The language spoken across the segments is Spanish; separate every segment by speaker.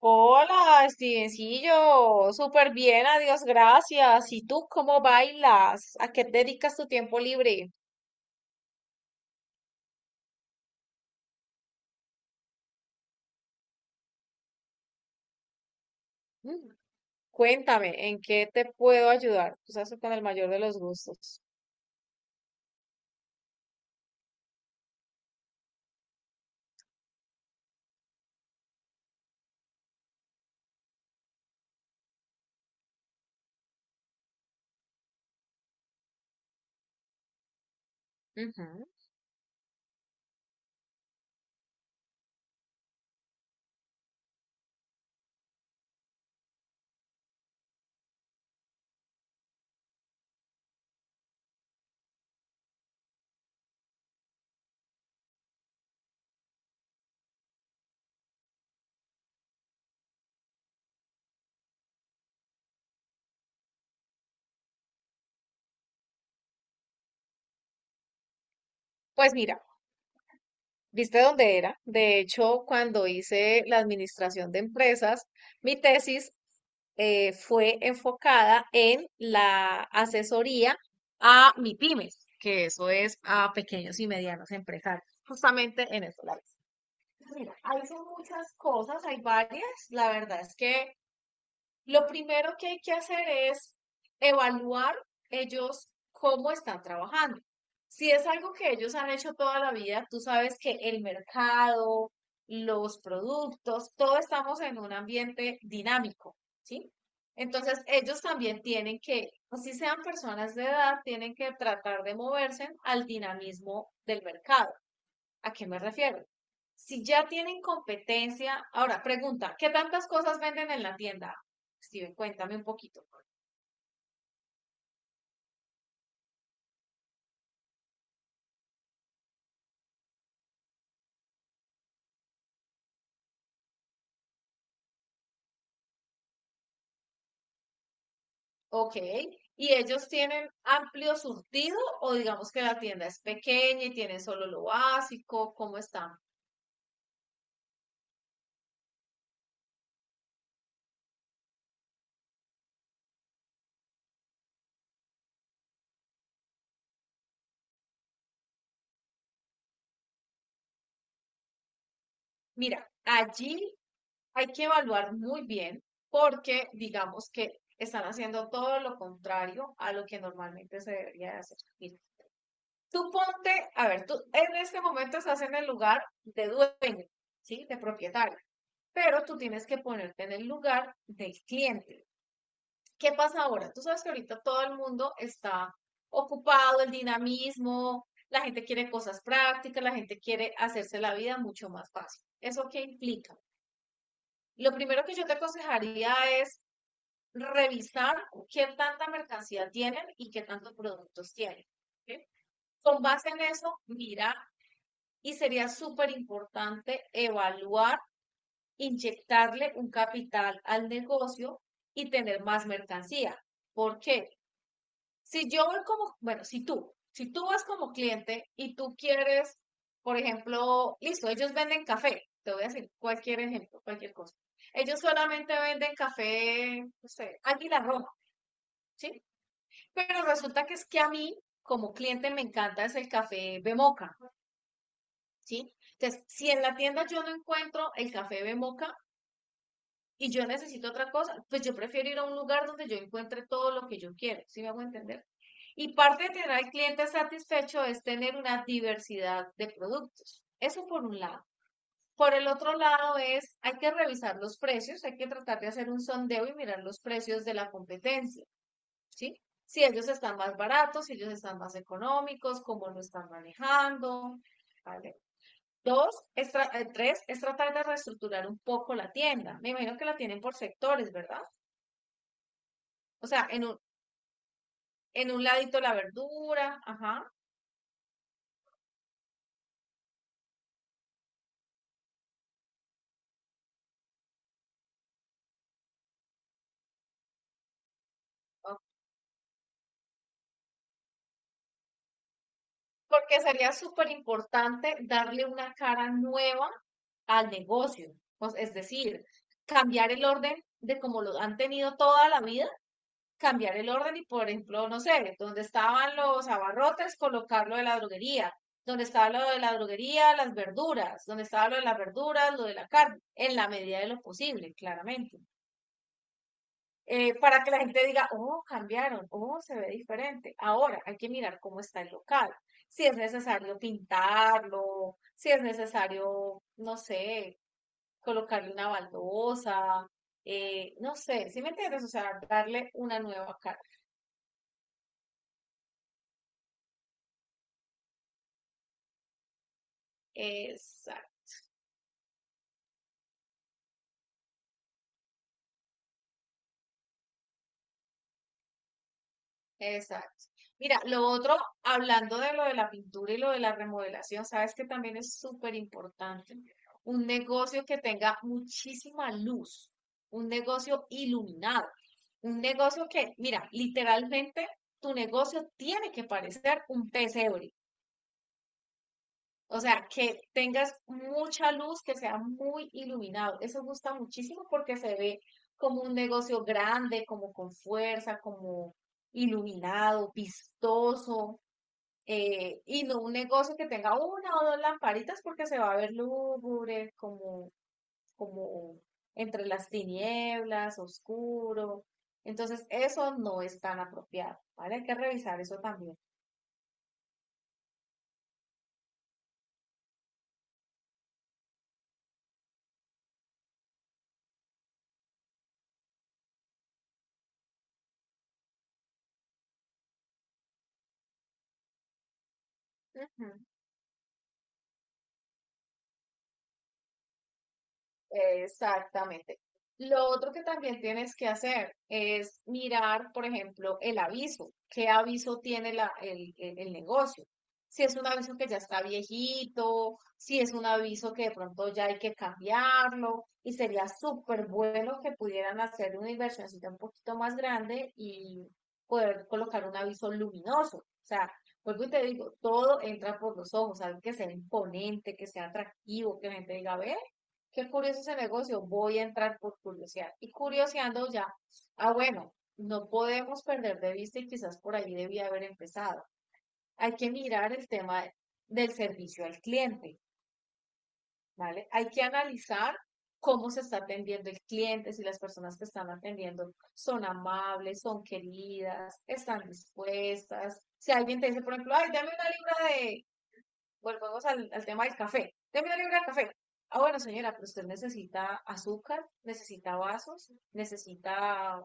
Speaker 1: Hola, Stevencillo, súper bien, adiós, gracias. ¿Y tú cómo bailas? ¿A qué te dedicas tu tiempo libre? Mm. Cuéntame, ¿en qué te puedo ayudar? Tú sabes que con el mayor de los gustos. Ujú. Pues mira, ¿viste dónde era? De hecho, cuando hice la administración de empresas, mi tesis fue enfocada en la asesoría a pymes, que eso es a pequeños y medianos empresarios, justamente en eso. Mira, hay son muchas cosas, hay varias. La verdad es que lo primero que hay que hacer es evaluar ellos cómo están trabajando. Si es algo que ellos han hecho toda la vida, tú sabes que el mercado, los productos, todos estamos en un ambiente dinámico, ¿sí? Entonces, ellos también tienen que, así sean personas de edad, tienen que tratar de moverse al dinamismo del mercado. ¿A qué me refiero? Si ya tienen competencia, ahora pregunta, ¿qué tantas cosas venden en la tienda? Steven, cuéntame un poquito. Ok, ¿y ellos tienen amplio surtido o digamos que la tienda es pequeña y tienen solo lo básico? ¿Cómo están? Mira, allí hay que evaluar muy bien porque digamos que están haciendo todo lo contrario a lo que normalmente se debería de hacer. Mira, tú ponte, a ver, tú en este momento estás en el lugar de dueño, ¿sí? De propietario, pero tú tienes que ponerte en el lugar del cliente. ¿Qué pasa ahora? Tú sabes que ahorita todo el mundo está ocupado, el dinamismo, la gente quiere cosas prácticas, la gente quiere hacerse la vida mucho más fácil. ¿Eso qué implica? Lo primero que yo te aconsejaría es revisar qué tanta mercancía tienen y qué tantos productos tienen. ¿Ok? Con base en eso, mirar y sería súper importante evaluar, inyectarle un capital al negocio y tener más mercancía. ¿Por qué? Si yo voy como, bueno, si tú vas como cliente y tú quieres, por ejemplo, listo, ellos venden café, te voy a decir cualquier ejemplo, cualquier cosa. Ellos solamente venden café, no sé, Águila Roja, ¿sí? Pero resulta que es que a mí, como cliente, me encanta es el café Bemoca. ¿Sí? Entonces, si en la tienda yo no encuentro el café de moca y yo necesito otra cosa, pues yo prefiero ir a un lugar donde yo encuentre todo lo que yo quiero, ¿sí me hago entender? Y parte de tener al cliente satisfecho es tener una diversidad de productos. Eso por un lado. Por el otro lado es, hay que revisar los precios, hay que tratar de hacer un sondeo y mirar los precios de la competencia, ¿sí? Si ellos están más baratos, si ellos están más económicos, cómo lo están manejando, ¿vale? Dos, es tres, es tratar de reestructurar un poco la tienda. Me imagino que la tienen por sectores, ¿verdad? O sea, en un ladito la verdura, ajá. Ok. Porque sería súper importante darle una cara nueva al negocio. Pues, es decir, cambiar el orden de como lo han tenido toda la vida, cambiar el orden y, por ejemplo, no sé, donde estaban los abarrotes, colocar lo de la droguería, donde estaba lo de la droguería, las verduras, donde estaba lo de las verduras, lo de la carne, en la medida de lo posible, claramente. Para que la gente diga, oh, cambiaron, oh, se ve diferente. Ahora hay que mirar cómo está el local, si es necesario pintarlo, si es necesario, no sé, colocarle una baldosa, no sé, ¿si me entiendes? O sea, darle una nueva cara. Esa Exacto. Mira, lo otro, hablando de lo de la pintura y lo de la remodelación, sabes que también es súper importante un negocio que tenga muchísima luz, un negocio iluminado, un negocio que, mira, literalmente tu negocio tiene que parecer un pesebre. O sea, que tengas mucha luz, que sea muy iluminado. Eso gusta muchísimo porque se ve como un negocio grande, como con fuerza, como iluminado, vistoso, y no un negocio que tenga una o dos lamparitas porque se va a ver lúgubre, como, como entre las tinieblas, oscuro. Entonces, eso no es tan apropiado, ¿vale? Hay que revisar eso también. Ujú. Exactamente. Lo otro que también tienes que hacer es mirar, por ejemplo, el aviso. ¿Qué aviso tiene el negocio? Si es un aviso que ya está viejito, si es un aviso que de pronto ya hay que cambiarlo, y sería súper bueno que pudieran hacer una inversioncita un poquito más grande y poder colocar un aviso luminoso. O sea, vuelvo y te digo, todo entra por los ojos, algo que sea imponente, que sea atractivo, que la gente diga, ve qué curioso ese negocio, voy a entrar por curiosidad. Y curioseando ya, ah, bueno, no podemos perder de vista y quizás por ahí debía haber empezado. Hay que mirar el tema del servicio al cliente, ¿vale? Hay que analizar cómo se está atendiendo el cliente, si las personas que están atendiendo son amables, son queridas, están dispuestas. Si alguien te dice, por ejemplo, ay, dame una libra de volvamos al tema del café. Deme una libra de café. Ah, bueno, señora, pero usted necesita azúcar, necesita vasos, necesita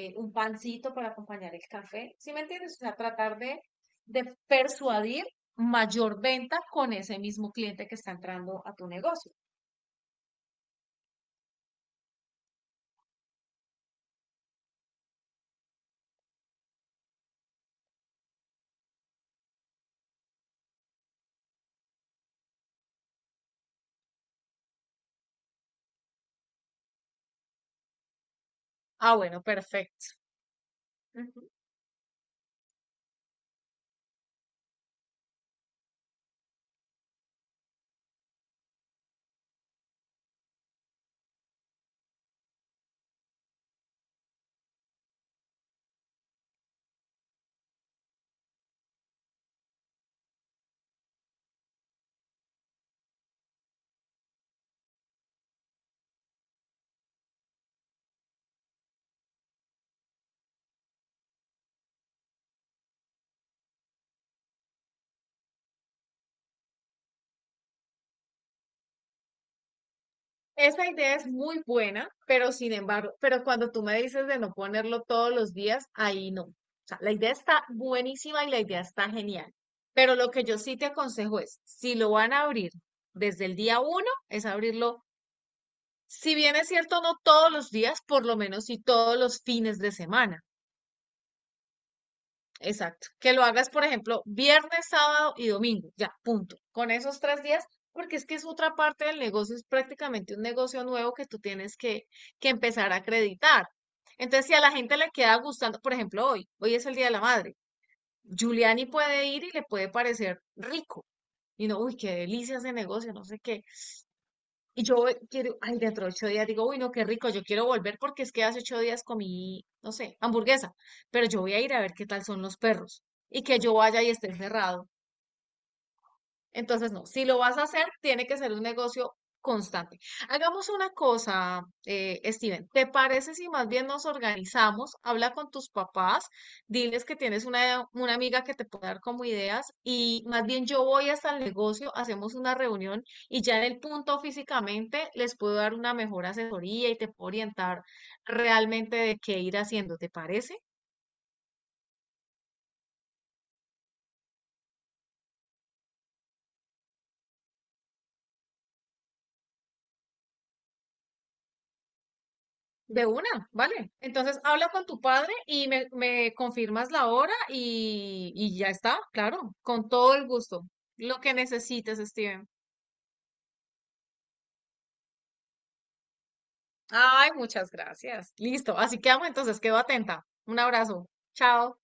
Speaker 1: un pancito para acompañar el café. ¿Sí me entiendes? O sea, tratar de persuadir mayor venta con ese mismo cliente que está entrando a tu negocio. Ah, bueno, perfecto. Ujú. Esa idea es muy buena, pero sin embargo, pero cuando tú me dices de no ponerlo todos los días, ahí no. O sea, la idea está buenísima y la idea está genial. Pero lo que yo sí te aconsejo es, si lo van a abrir desde el día uno, es abrirlo, si bien es cierto, no todos los días, por lo menos sí todos los fines de semana. Exacto. Que lo hagas, por ejemplo, viernes, sábado y domingo. Ya, punto. Con esos 3 días, porque es que es otra parte del negocio, es prácticamente un negocio nuevo que tú tienes que, empezar a acreditar. Entonces, si a la gente le queda gustando, por ejemplo, hoy es el Día de la Madre, Giuliani puede ir y le puede parecer rico. Y no, uy, qué delicia ese negocio, no sé qué. Y yo quiero, ay, dentro de 8 días digo, uy, no, qué rico, yo quiero volver porque es que hace 8 días comí, no sé, hamburguesa, pero yo voy a ir a ver qué tal son los perros y que yo vaya y esté cerrado. Entonces, no, si lo vas a hacer, tiene que ser un negocio constante. Hagamos una cosa, Steven, ¿te parece si más bien nos organizamos? Habla con tus papás, diles que tienes una amiga que te puede dar como ideas y más bien yo voy hasta el negocio, hacemos una reunión y ya en el punto físicamente les puedo dar una mejor asesoría y te puedo orientar realmente de qué ir haciendo, ¿te parece? De una, ¿vale? Entonces habla con tu padre y me confirmas la hora y ya está, claro, con todo el gusto. Lo que necesites, Steven. Ay, muchas gracias. Listo, así quedamos entonces, quedo atenta. Un abrazo. Chao.